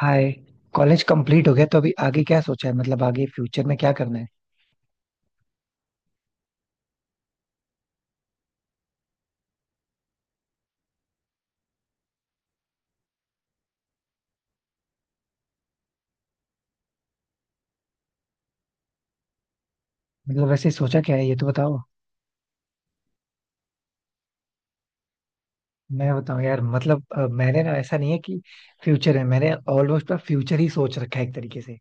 हाय. College complete हो गया तो अभी आगे क्या सोचा है, मतलब आगे फ्यूचर में क्या करना है? मतलब वैसे सोचा क्या है, ये तो बताओ. मैं बताऊं यार, मतलब मैंने ना ऐसा नहीं है कि फ्यूचर है. मैंने ऑलमोस्ट पर फ्यूचर ही सोच रखा है एक तरीके से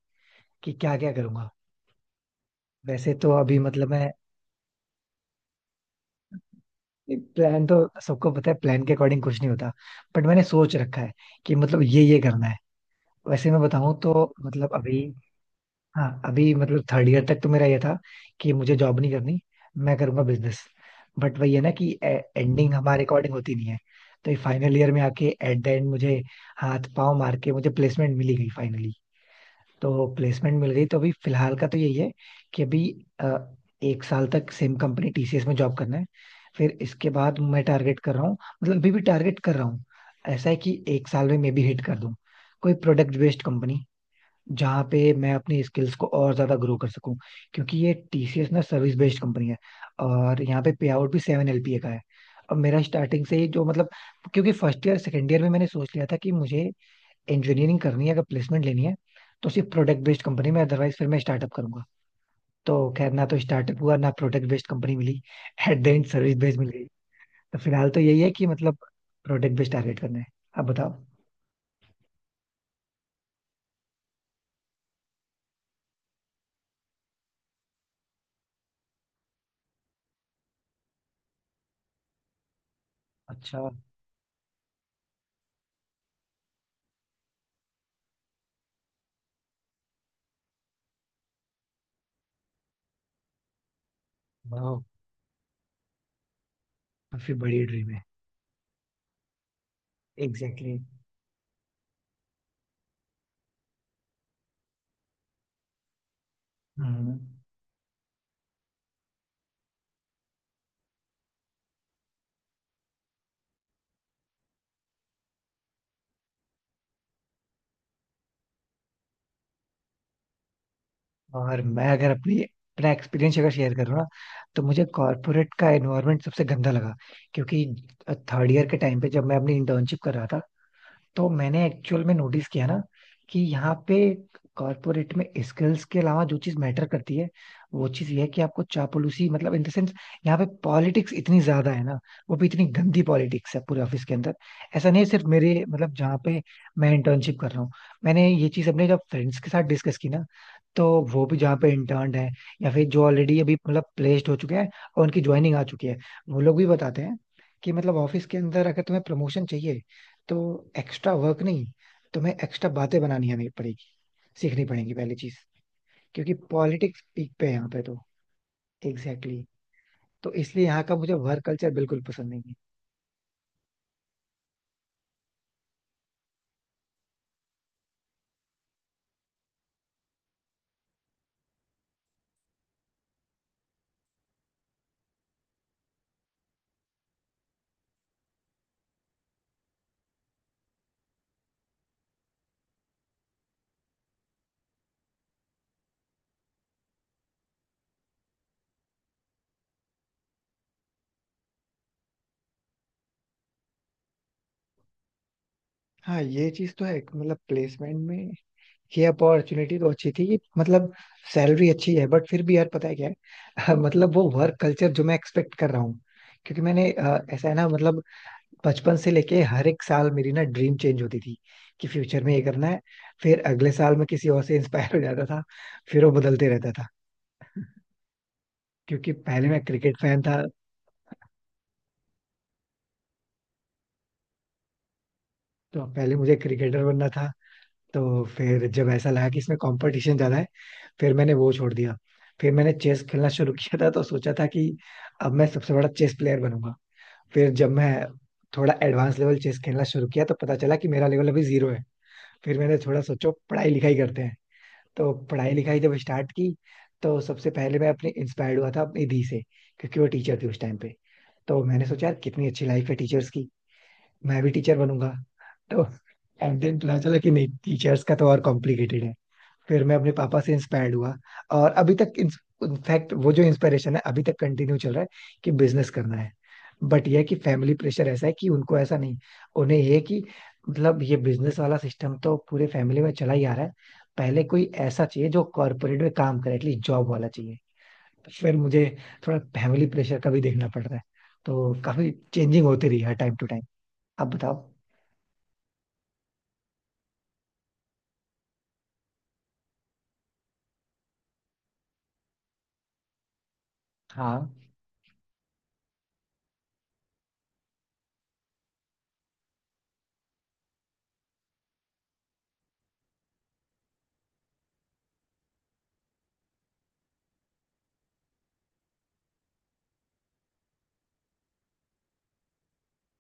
कि क्या क्या करूंगा. वैसे तो अभी मतलब मैं प्लान तो, सबको पता है प्लान के अकॉर्डिंग कुछ नहीं होता, बट मैंने सोच रखा है कि मतलब ये करना है. वैसे मैं बताऊं तो मतलब अभी हाँ, अभी मतलब थर्ड ईयर तक तो मेरा ये था कि मुझे जॉब नहीं करनी, मैं करूंगा बिजनेस. बट वही है ना कि एंडिंग हमारे अकॉर्डिंग होती नहीं है. तो ये फाइनल ईयर में आके, एट द एंड, मुझे हाथ पांव मार के मुझे प्लेसमेंट मिली गई फाइनली. तो प्लेसमेंट मिल गई तो अभी फिलहाल का तो यही है कि अभी अ, एक साल तक सेम कंपनी टीसीएस में जॉब करना है. फिर इसके बाद मैं टारगेट कर रहा हूँ, मतलब अभी भी टारगेट कर रहा हूँ. ऐसा है कि एक साल में मे बी हिट कर दूं कोई प्रोडक्ट बेस्ड कंपनी, जहाँ पे मैं अपनी स्किल्स को और ज्यादा ग्रो कर सकूं. क्योंकि ये टीसीएस ना सर्विस बेस्ड कंपनी है और यहाँ पे पे आउट भी 7 LPA का है. और मेरा स्टार्टिंग से ही जो मतलब, क्योंकि फर्स्ट ईयर सेकेंड ईयर में मैंने सोच लिया था कि मुझे इंजीनियरिंग करनी है अगर प्लेसमेंट लेनी है, तो सिर्फ प्रोडक्ट बेस्ड कंपनी में, अदरवाइज फिर मैं स्टार्टअप करूंगा. तो खैर ना तो स्टार्टअप हुआ ना product based company milli eight the end service based मिल गई. तो फिलहाल तो यही है कि मतलब प्रोडक्ट बेस्ड टारगेट करना है. आप बताओ. अच्छा, वाह, काफी बड़ी ड्रीम है. Exactly exactly. हम्म. और मैं अगर अपनी अपना एक्सपीरियंस अगर शेयर करूँ ना, तो मुझे कॉर्पोरेट का एनवायरनमेंट सबसे गंदा लगा. क्योंकि थर्ड ईयर के टाइम पे जब मैं अपनी इंटर्नशिप कर रहा था, तो मैंने एक्चुअल में नोटिस किया ना कि यहाँ पे कॉर्पोरेट में स्किल्स के अलावा जो चीज मैटर करती है, वो चीज ये है कि आपको चापलूसी, मतलब इन द सेंस, यहाँ पे पॉलिटिक्स इतनी ज्यादा है ना. वो भी इतनी गंदी पॉलिटिक्स है पूरे ऑफिस के अंदर. ऐसा नहीं है सिर्फ मेरे मतलब जहाँ पे मैं इंटर्नशिप कर रहा हूँ. मैंने ये चीज अपने जब फ्रेंड्स के साथ डिस्कस की ना, तो वो भी जहाँ पे इंटर्न है या फिर जो ऑलरेडी अभी मतलब प्लेस्ड हो चुके हैं और उनकी ज्वाइनिंग आ चुकी है, वो लोग भी बताते हैं कि मतलब ऑफिस के अंदर अगर तुम्हें प्रमोशन चाहिए तो एक्स्ट्रा वर्क नहीं, तुम्हें एक्स्ट्रा बातें बनानी हमें पड़ेगी, सीखनी पड़ेगी पहली चीज. क्योंकि पॉलिटिक्स पीक पे है यहाँ पे, तो एग्जैक्टली exactly. तो इसलिए यहाँ का मुझे वर्क कल्चर बिल्कुल पसंद नहीं है. हाँ, ये चीज तो है मतलब प्लेसमेंट में. ये अपॉर्चुनिटी तो अच्छी थी, मतलब सैलरी अच्छी है, बट फिर भी यार पता है क्या है मतलब वो वर्क कल्चर जो मैं एक्सपेक्ट कर रहा हूँ. क्योंकि मैंने ऐसा है ना मतलब, बचपन से लेके हर एक साल मेरी ना ड्रीम चेंज होती थी कि फ्यूचर में ये करना है. फिर अगले साल में किसी और से इंस्पायर हो जाता था, फिर वो बदलते रहता था. क्योंकि पहले मैं क्रिकेट फैन था, तो पहले मुझे क्रिकेटर बनना था. तो फिर जब ऐसा लगा कि इसमें कंपटीशन ज्यादा है, फिर मैंने वो छोड़ दिया. फिर मैंने चेस खेलना शुरू किया था, तो सोचा था कि अब मैं सबसे बड़ा चेस प्लेयर बनूंगा. फिर जब मैं थोड़ा एडवांस लेवल चेस खेलना शुरू किया, तो पता चला कि मेरा लेवल अभी जीरो है. फिर मैंने थोड़ा सोचो पढ़ाई लिखाई करते हैं. तो पढ़ाई लिखाई जब स्टार्ट की, तो सबसे पहले मैं अपने इंस्पायर्ड हुआ था अपनी दी से, क्योंकि वो टीचर थी उस टाइम पे. तो मैंने सोचा यार कितनी अच्छी लाइफ है टीचर्स की, मैं भी टीचर बनूंगा. तो एंड देन पता चला कि नहीं, टीचर्स का तो और कॉम्प्लिकेटेड है. फिर मैं अपने पापा से इंस्पायर्ड हुआ, और अभी तक इनफैक्ट वो जो इंस्पिरेशन है अभी तक कंटिन्यू चल रहा है, कि बिजनेस करना है. बट ये है कि फैमिली प्रेशर ऐसा है कि उनको ऐसा नहीं, उन्हें ये है कि मतलब ये बिजनेस वाला सिस्टम तो पूरे फैमिली में चला ही आ रहा है, पहले कोई ऐसा चाहिए जो कॉर्पोरेट में काम करे, एटलीस्ट जॉब वाला चाहिए. फिर मुझे थोड़ा फैमिली प्रेशर का भी देखना पड़ रहा है. तो काफी चेंजिंग होती रही है टाइम टू टाइम. आप बताओ. हाँ.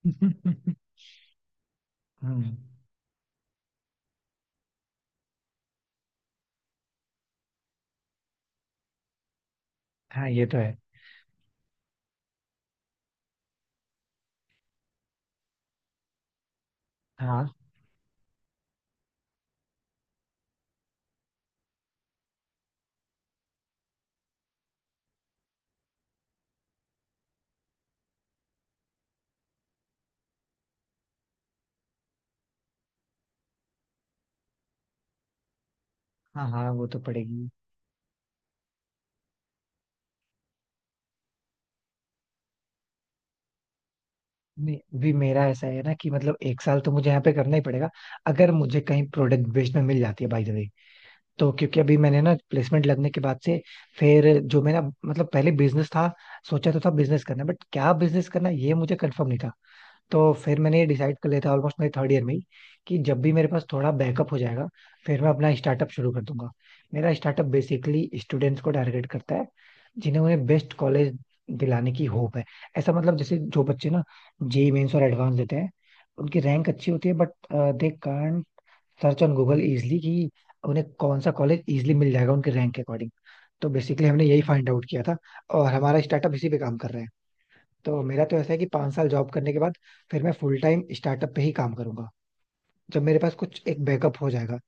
हम्म. हाँ ये तो है. हाँ. हाँ हाँ वो तो पड़ेगी. नहीं भी, मेरा ऐसा है ना कि मतलब एक साल तो मुझे यहाँ पे करना ही पड़ेगा. अगर मुझे कहीं प्रोडक्ट बेस्ड में मिल जाती है बाय द वे, तो क्योंकि अभी मैंने ना प्लेसमेंट लगने के बाद से, फिर जो मेरा मतलब पहले बिजनेस था, सोचा तो था बिजनेस करना, बट क्या बिजनेस करना ये मुझे कंफर्म नहीं था. तो फिर मैंने ये डिसाइड कर लिया था ऑलमोस्ट मेरे थर्ड ईयर में ही, कि जब भी मेरे पास थोड़ा बैकअप हो जाएगा, फिर मैं अपना स्टार्टअप शुरू कर दूंगा. मेरा स्टार्टअप बेसिकली स्टूडेंट्स को टारगेट करता है जिन्हें, उन्हें बेस्ट कॉलेज दिलाने की होप है. ऐसा मतलब जैसे जो बच्चे ना जेई मेंस और एडवांस देते हैं, उनकी रैंक अच्छी होती है but they can't search on Google easily कि उन्हें कौन सा कॉलेज इजली मिल जाएगा उनके रैंक के अकॉर्डिंग. तो बेसिकली हमने यही फाइंड आउट किया था, और हमारा स्टार्टअप इसी पे काम कर रहा है. तो मेरा तो ऐसा है कि 5 साल जॉब करने के बाद फिर मैं फुल टाइम स्टार्टअप पे ही काम करूंगा, जब मेरे पास कुछ एक बैकअप हो जाएगा.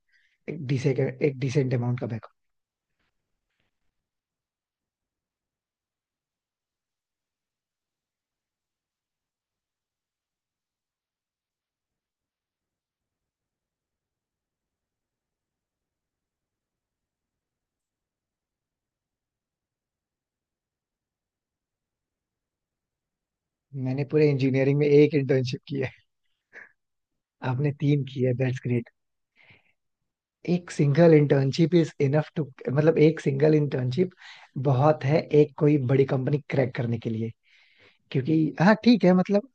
एक डिसे एक डिसेंट अमाउंट का बैकअप. मैंने पूरे इंजीनियरिंग में एक इंटर्नशिप की है. आपने तीन की है, दैट्स ग्रेट. एक single internship is enough to, मतलब एक सिंगल इंटर्नशिप बहुत है एक कोई बड़ी कंपनी क्रैक करने के लिए. क्योंकि हाँ, ठीक है, मतलब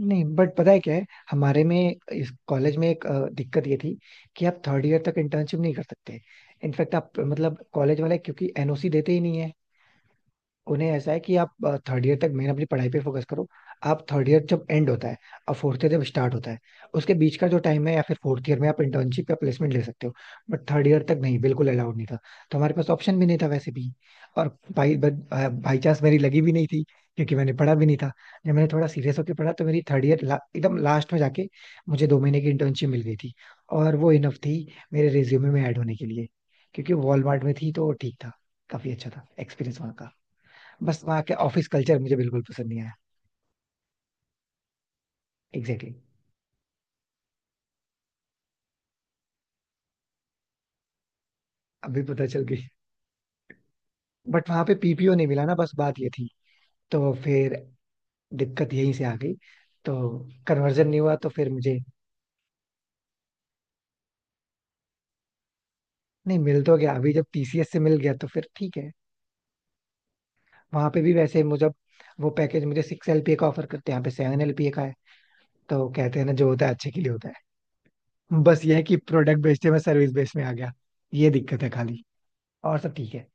नहीं बट पता है क्या है, हमारे में इस कॉलेज में एक दिक्कत ये थी कि आप थर्ड ईयर तक इंटर्नशिप नहीं कर सकते. इनफैक्ट आप मतलब कॉलेज वाले क्योंकि एनओसी देते ही नहीं है. उन्हें ऐसा है कि आप थर्ड ईयर तक मेन अपनी पढ़ाई पे फोकस करो. आप थर्ड ईयर जब एंड होता है और फोर्थ ईयर जब स्टार्ट होता है, उसके बीच का जो टाइम है, या फिर फोर्थ ईयर में आप इंटर्नशिप या प्लेसमेंट ले सकते हो, बट थर्ड ईयर तक नहीं, बिल्कुल अलाउड नहीं था. तो हमारे पास ऑप्शन भी नहीं था वैसे भी. और भाई बाई चांस मेरी लगी भी नहीं थी, क्योंकि मैंने पढ़ा भी नहीं था. जब मैंने थोड़ा सीरियस होकर पढ़ा, तो मेरी थर्ड ईयर एकदम लास्ट में जाके मुझे 2 महीने की इंटर्नशिप मिल गई थी. और वो इनफ थी मेरे रिज्यूमे में ऐड होने के लिए, क्योंकि वॉलमार्ट में थी तो ठीक था. काफी अच्छा था एक्सपीरियंस वहाँ का. बस वहाँ के ऑफिस कल्चर मुझे बिल्कुल पसंद नहीं आया. Exactly exactly. अभी पता चल गई. बट वहाँ पे पीपीओ नहीं मिला ना, बस बात ये थी. तो फिर दिक्कत यहीं से आ गई. तो कन्वर्जन नहीं हुआ तो फिर मुझे, नहीं, मिल तो गया. अभी जब टीसीएस से मिल गया तो फिर ठीक है. वहाँ पे भी वैसे मुझे वो पैकेज मुझे 6 LPA का ऑफर करते हैं, यहाँ पे 7 LPA का है. तो कहते हैं ना जो होता है अच्छे के लिए होता है. बस ये है कि प्रोडक्ट बेचते में सर्विस बेस में आ गया, ये दिक्कत है खाली. और सब ठीक है.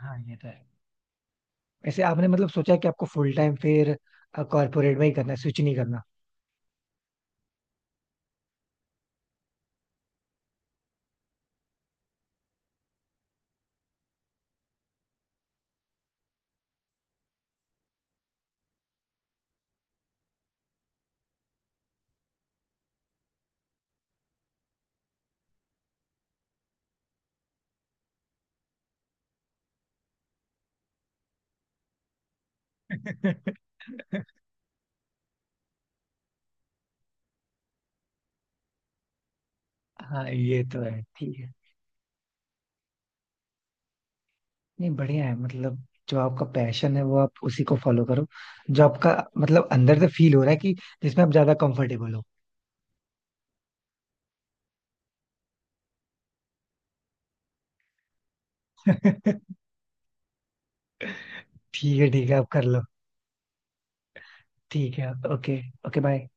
हाँ ये तो है. वैसे आपने मतलब सोचा कि आपको फुल टाइम फिर कॉर्पोरेट में ही करना है, स्विच नहीं करना? हाँ ये तो है, ठीक है. नहीं, बढ़िया है मतलब जो आपका पैशन है वो आप उसी को फॉलो करो. जो आपका मतलब अंदर से फील हो रहा है कि जिसमें आप ज्यादा कंफर्टेबल हो. ठीक है आप कर लो. ठीक है, ओके. Okay bye.